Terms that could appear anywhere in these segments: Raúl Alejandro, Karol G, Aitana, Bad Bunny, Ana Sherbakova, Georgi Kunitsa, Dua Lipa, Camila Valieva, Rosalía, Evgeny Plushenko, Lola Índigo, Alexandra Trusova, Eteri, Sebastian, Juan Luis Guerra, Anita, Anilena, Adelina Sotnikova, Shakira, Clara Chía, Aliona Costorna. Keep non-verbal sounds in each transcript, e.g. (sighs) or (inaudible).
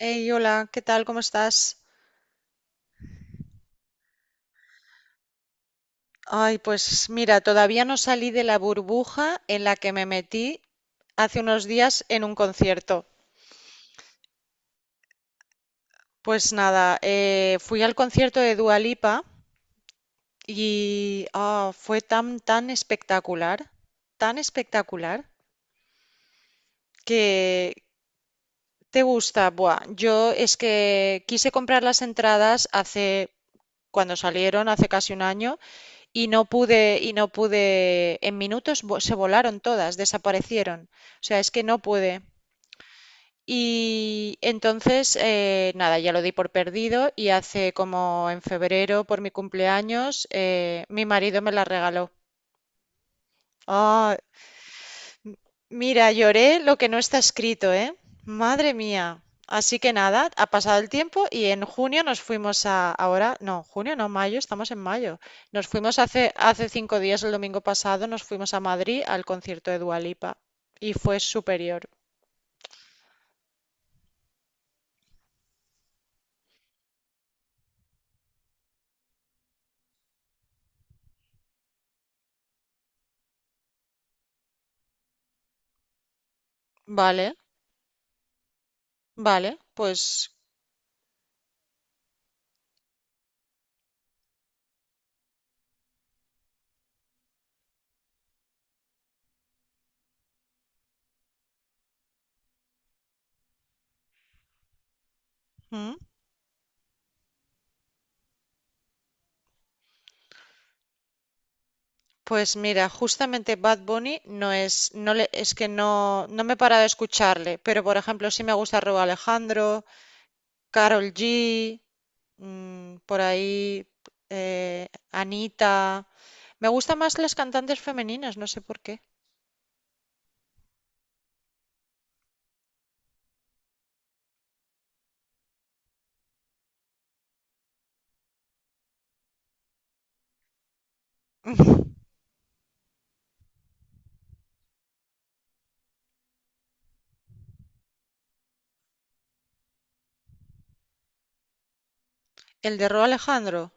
Hey, hola, ¿qué tal? ¿Cómo estás? Ay, pues mira, todavía no salí de la burbuja en la que me metí hace unos días en un concierto. Pues nada, fui al concierto de Dua Lipa y fue tan, tan espectacular, que te gusta. Buah, yo es que quise comprar las entradas cuando salieron, hace casi un año, y no pude, en minutos se volaron todas, desaparecieron. O sea, es que no pude. Y entonces, nada, ya lo di por perdido y hace como en febrero, por mi cumpleaños, mi marido me la regaló. Ah, mira, lloré lo que no está escrito, ¿eh? Madre mía. Así que nada, ha pasado el tiempo y en junio nos fuimos a, ahora, no, junio no, mayo, estamos en mayo. Nos fuimos hace 5 días, el domingo pasado, nos fuimos a Madrid al concierto de Dua Lipa y fue superior. Vale, vale, pues, ¿mm? Pues mira, justamente Bad Bunny no es, no le, es que no, no me he parado de escucharle, pero por ejemplo sí me gusta Raúl Alejandro, Karol G, por ahí eh, Anita. Me gustan más las cantantes femeninas, no sé por qué. (laughs) El de Ro Alejandro.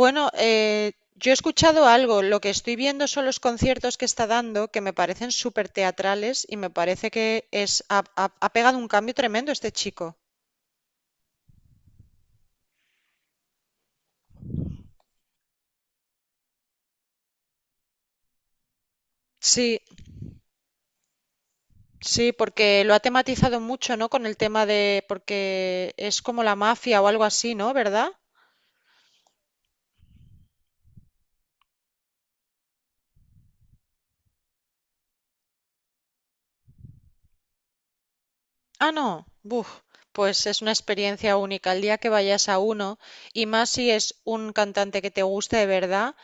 Bueno, yo he escuchado algo, lo que estoy viendo son los conciertos que está dando, que me parecen súper teatrales y me parece que ha pegado un cambio tremendo este chico. Sí, sí, porque lo ha tematizado mucho, ¿no? Con el tema de, porque es como la mafia o algo así, ¿no? ¿Verdad? Ah, no. Buf. Pues es una experiencia única. El día que vayas a uno, y más si es un cantante que te guste de verdad,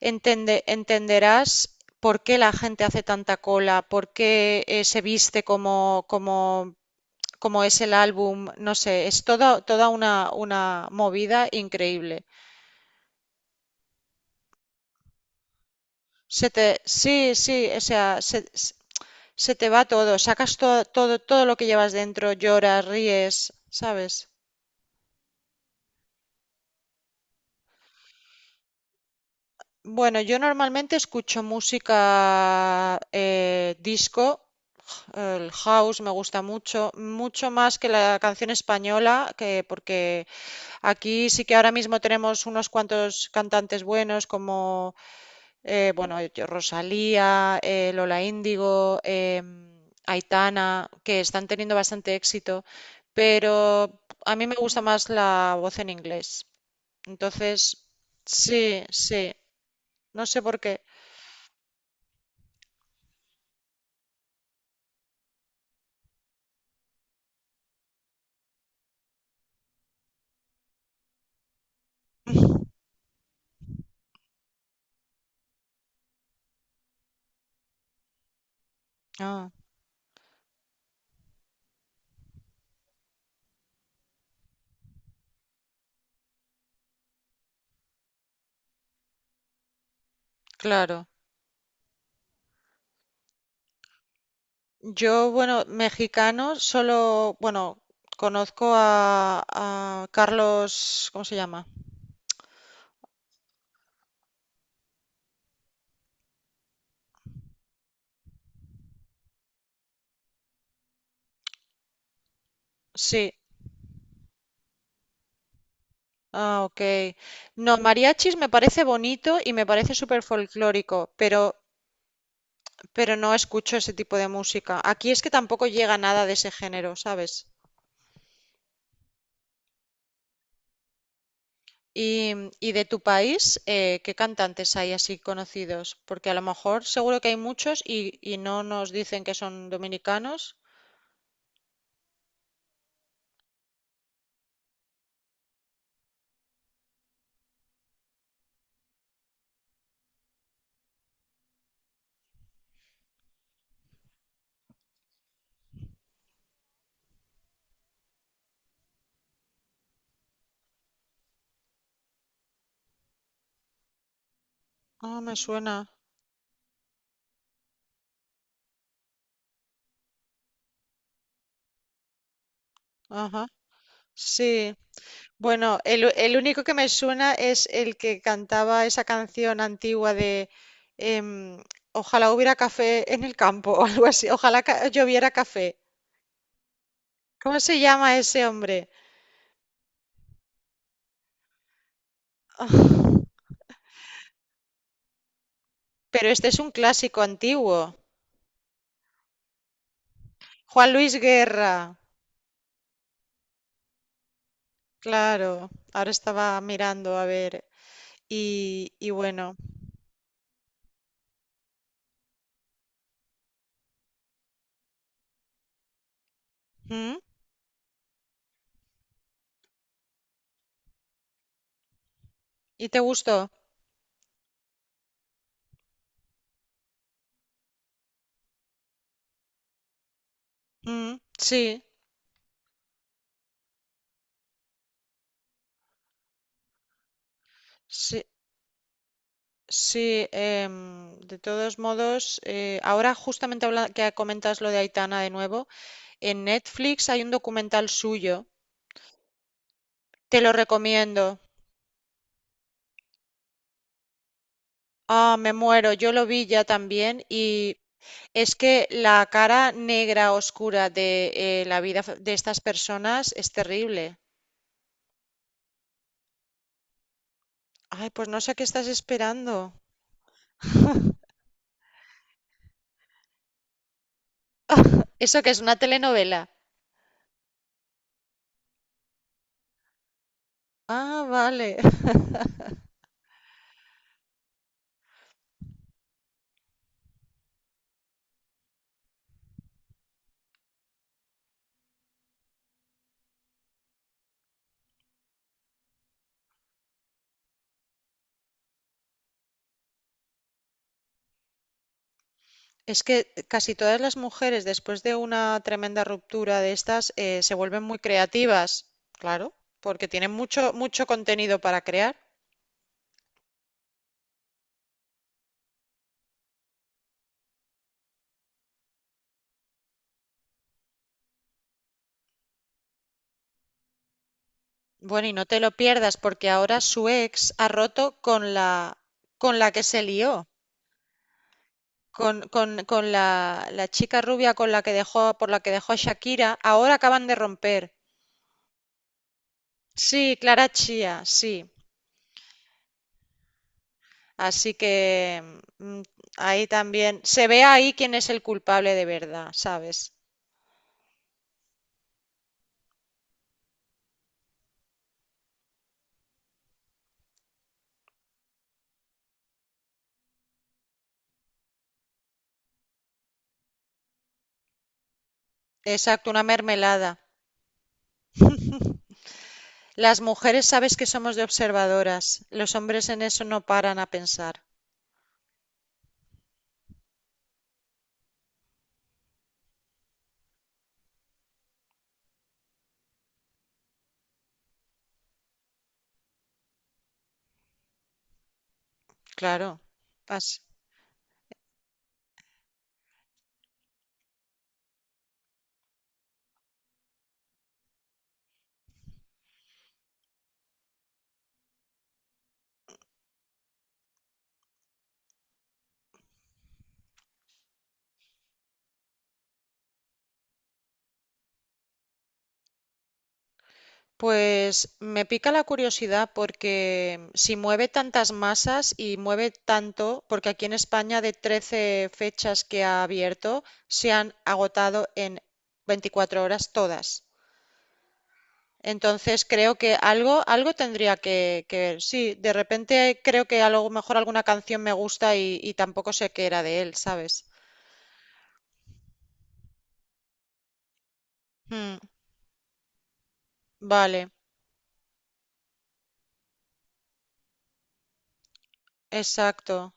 entenderás por qué la gente hace tanta cola, por qué, se viste como, como, como es el álbum. No sé, es toda, toda una movida increíble. Sí, sí, o sea, se te va todo, sacas todo, todo, todo lo que llevas dentro, lloras, ríes, ¿sabes? Bueno, yo normalmente escucho música, disco, el house me gusta mucho, mucho más que la canción española, que porque aquí sí que ahora mismo tenemos unos cuantos cantantes buenos como, bueno, Rosalía, Lola Índigo, Aitana, que están teniendo bastante éxito, pero a mí me gusta más la voz en inglés. Entonces, sí, sí, no sé por qué. Ah, claro. Yo, bueno, mexicano, solo, bueno, conozco a Carlos, ¿cómo se llama? Sí, ah, ok. No, mariachis me parece bonito y me parece súper folclórico, pero no escucho ese tipo de música. Aquí es que tampoco llega nada de ese género, ¿sabes? Y, y de tu país, ¿qué cantantes hay así conocidos? Porque a lo mejor seguro que hay muchos y no nos dicen que son dominicanos. Ah, me suena. Ajá, sí. Bueno, el único que me suena es el que cantaba esa canción antigua de em, ojalá hubiera café en el campo (laughs) o algo así, ojalá lloviera café. ¿Cómo se llama ese hombre? (sighs) Ah, pero este es un clásico antiguo. Juan Luis Guerra, claro. Ahora estaba mirando a ver. Y bueno, ¿mm? ¿Y te gustó? Mm, sí, sí. Sí, de todos modos, ahora justamente que comentas lo de Aitana de nuevo, en Netflix hay un documental suyo, te lo recomiendo. Ah, me muero, yo lo vi ya también y es que la cara negra oscura de la vida de estas personas es terrible. Ay, pues no sé qué estás esperando. (laughs) ¿Eso que es una telenovela? Ah, vale. (laughs) Es que casi todas las mujeres, después de una tremenda ruptura de estas, se vuelven muy creativas, claro, porque tienen mucho, mucho contenido para crear. Bueno, y no te lo pierdas, porque ahora su ex ha roto con la que se lió, con la chica rubia con la que dejó, por la que dejó a Shakira. Ahora acaban de romper. Sí, Clara Chía, sí. Así que ahí también se ve ahí quién es el culpable de verdad, ¿sabes? Exacto, una mermelada. Las mujeres sabes que somos de observadoras, los hombres en eso no paran a pensar. Claro. As- Pues me pica la curiosidad porque si mueve tantas masas y mueve tanto, porque aquí en España de 13 fechas que ha abierto, se han agotado en 24 horas todas. Entonces creo que algo tendría que ver. Sí, de repente creo que a lo mejor alguna canción me gusta y tampoco sé qué era de él, ¿sabes? Mm, vale, exacto.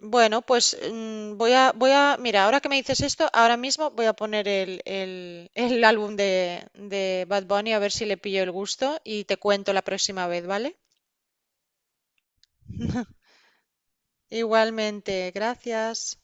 Bueno, pues mira, ahora que me dices esto, ahora mismo voy a poner el álbum de Bad Bunny a ver si le pillo el gusto y te cuento la próxima vez, ¿vale? (laughs) Igualmente, gracias.